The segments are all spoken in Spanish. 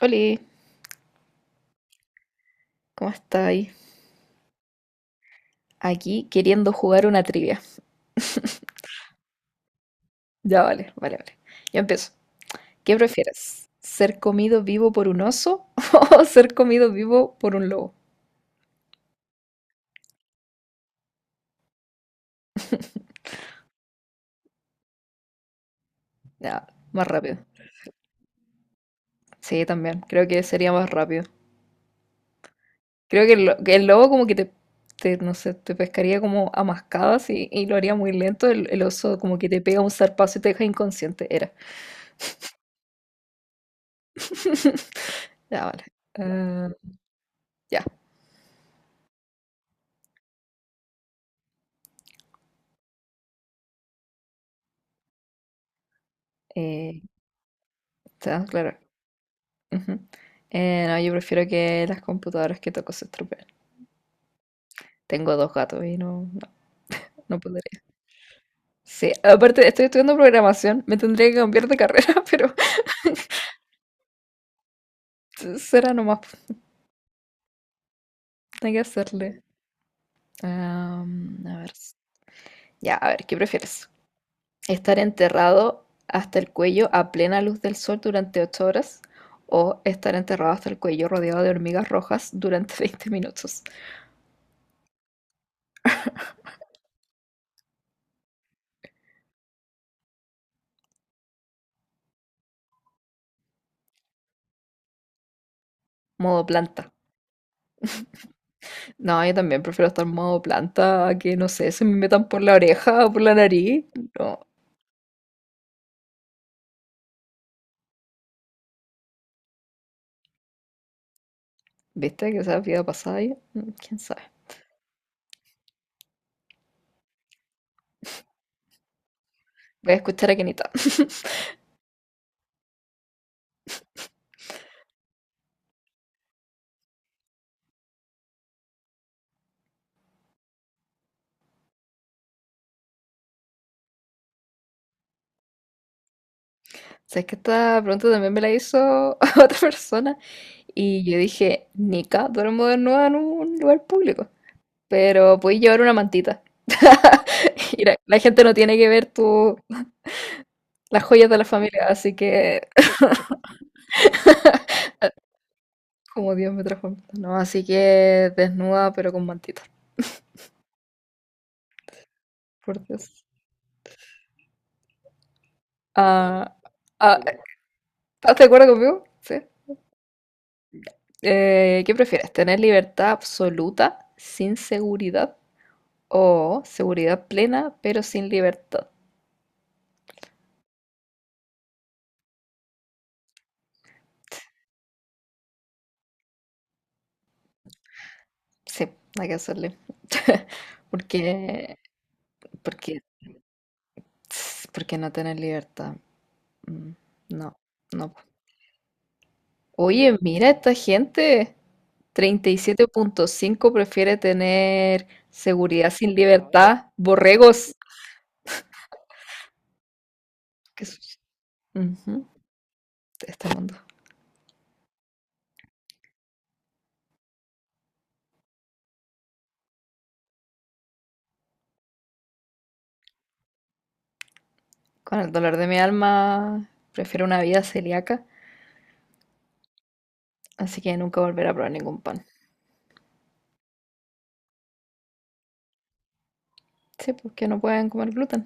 Hola, ¿cómo estáis? Aquí queriendo jugar una trivia. Ya, vale, vale, vale. Yo empiezo. ¿Qué prefieres? ¿Ser comido vivo por un oso o ser comido vivo por un lobo? Ya, más rápido. Sí, también. Creo que sería más rápido. Creo que el lobo como que te, no sé, te pescaría como a mascadas y lo haría muy lento. El oso como que te pega un zarpazo y te deja inconsciente. Era. Ya, vale. Ah, ya. Eh, Está claro. Ujú. No, yo prefiero que las computadoras que toco se estropeen. Tengo dos gatos y no, no, no podría. Sí, aparte estoy estudiando programación, me tendría que cambiar de carrera, pero será nomás, hay que hacerle. A ver, ya, a ver, ¿qué prefieres? ¿Estar enterrado hasta el cuello a plena luz del sol durante 8 horas o estar enterrado hasta el cuello rodeado de hormigas rojas durante 20 minutos? Modo planta. No, yo también prefiero estar modo planta a que, no sé, se me metan por la oreja o por la nariz. No, ¿viste? Que esa vida pasada ahí. Mm, ¿quién sabe? Voy a escuchar a Kenita. Sabes que esta pregunta también me la hizo otra persona y yo dije, Nica, duermo desnuda en un lugar público, pero puedes llevar una mantita. Y la gente no tiene que ver tu, las joyas de la familia, así que como Dios me transforma. No, así que desnuda pero con mantita, por Dios. Ah, ah, ¿estás de acuerdo conmigo? Sí. ¿Qué prefieres? ¿Tener libertad absoluta sin seguridad o seguridad plena pero sin libertad? Sí, hay que hacerle. Porque, porque, porque no tener libertad. Mm, no, no. Oye, mira esta gente. 37,5 prefiere tener seguridad sin libertad. Borregos. Qué sucio. Ujú, de este mundo. Con el dolor de mi alma, prefiero una vida celíaca, así que nunca volveré a probar ningún pan. Sí, porque no pueden comer gluten.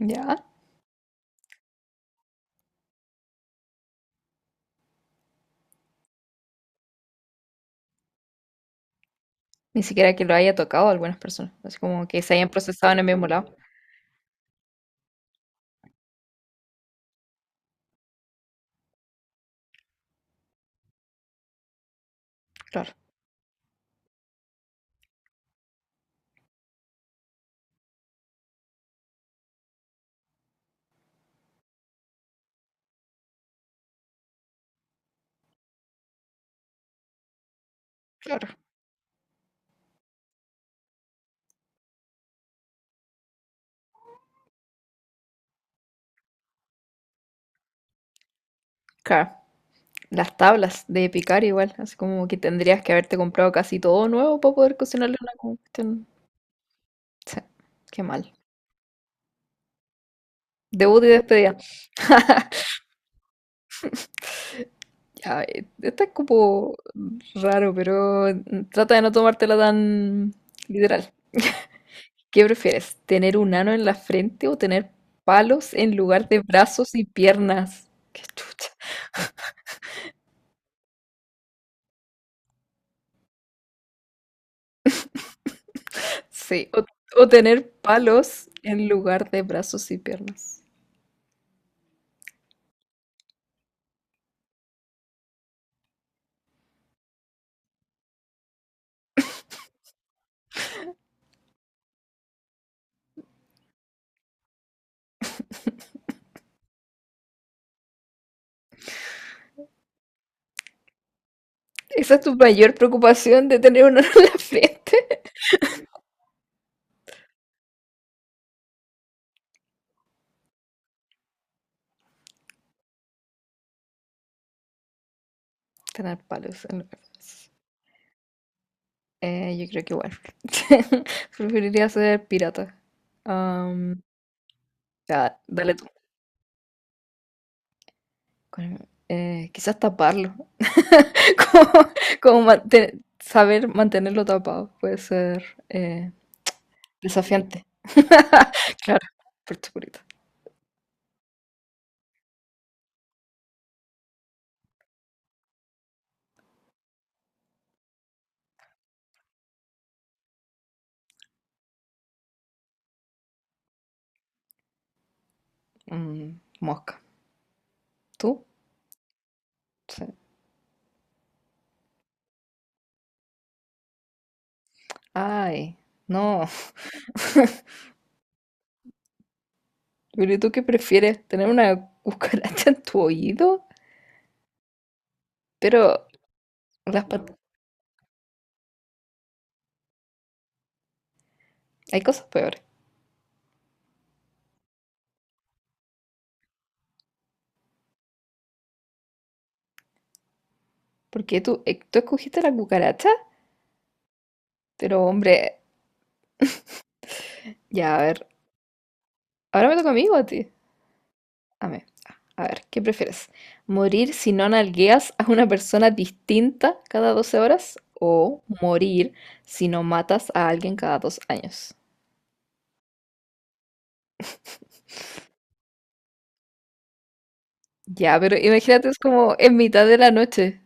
Ya. Ni siquiera que lo haya tocado a algunas personas. Así como que se hayan procesado en el mismo lado. Claro, claro. Claro. Las tablas de picar igual. Así como que tendrías que haberte comprado casi todo nuevo para poder cocinarle una cuestión. Sí, qué mal. Debut y despedida. Ya, esta es como raro, pero trata de no tomártela tan literal. ¿Qué prefieres? ¿Tener un ano en la frente o tener palos en lugar de brazos y piernas? Qué chucha. Sí, o tener palos en lugar de brazos y piernas. ¿Esa es tu mayor preocupación de tener un ano en la frente? Tener palos en lugar de brazos. Yo creo que igual. Preferiría ser pirata. Am, ya, dale tú. Quizás taparlo. Como, como saber mantenerlo tapado puede ser eh, desafiante. Claro, por supuesto. Mm, mosca. ¿Tú? Sí. Ay, no. Pero ¿y tú qué prefieres? ¿Tener una cucaracha en tu oído? Pero las pat- hay cosas peores. Porque tú escogiste la cucaracha, pero hombre, ya a ver. Ahora me toca a mí o a ti. Amén. A ver, ¿qué prefieres? ¿Morir si no nalgueas a una persona distinta cada 12 horas? ¿O morir si no matas a alguien cada 2 años? Ya, pero imagínate, es como en mitad de la noche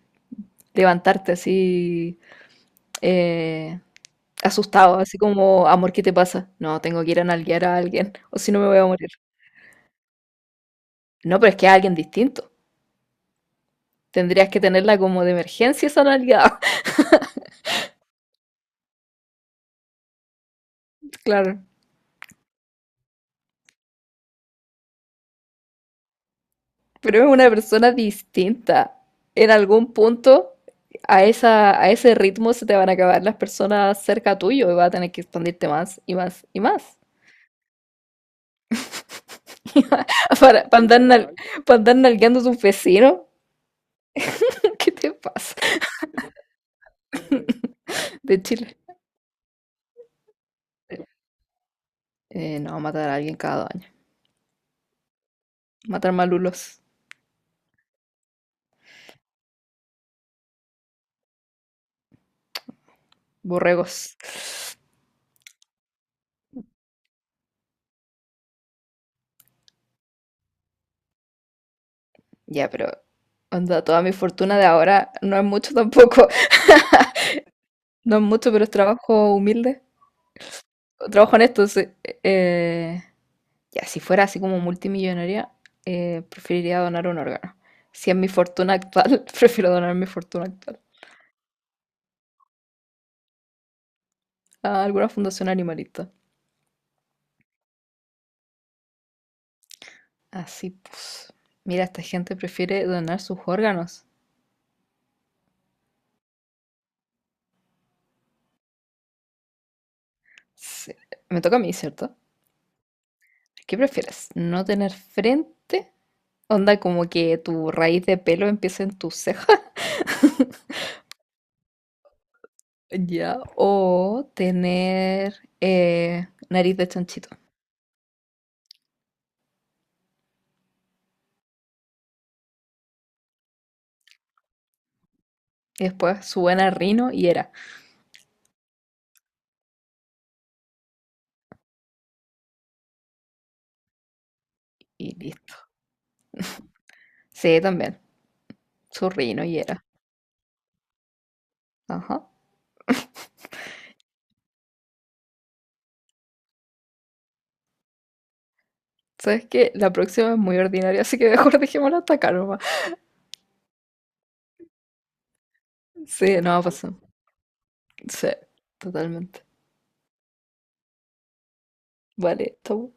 levantarte así eh, asustado, así como, amor, ¿qué te pasa? No, tengo que ir a nalguear a alguien, o si no me voy a morir. No, pero es que a alguien distinto. Tendrías que tenerla como de emergencia esa nalgueada. Claro. Pero es una persona distinta. En algún punto, a ese ritmo se te van a acabar las personas cerca tuyo y vas a tener que expandirte más y más y más. Para, para andar, nal- para andar nalgueando a tus vecinos. ¿Qué te pasa? De Chile. No, matar a alguien cada 2 años. Matar malulos, borregos. Ya, pero onda, toda mi fortuna de ahora no es mucho tampoco. No es mucho, pero es trabajo humilde. Trabajo honesto, sí. Eh, Ya, si fuera así como multimillonaria, preferiría donar un órgano. Si es mi fortuna actual, prefiero donar mi fortuna actual a alguna fundación animalista. Así pues. Mira, esta gente prefiere donar sus órganos. Sí. Me toca a mí, ¿cierto? ¿Qué prefieres? ¿No tener frente? Onda como que tu raíz de pelo empiece en tu ceja. Ya. O tener nariz de chanchito. Y después su buena rino y era. Y listo. Sí, también. Su rino y era. Ajá. ¿Sabes que la próxima es muy ordinaria, así que mejor dejémosla hasta acá nomás. Sí, no va a pasar. Sí, totalmente. Vale, chau.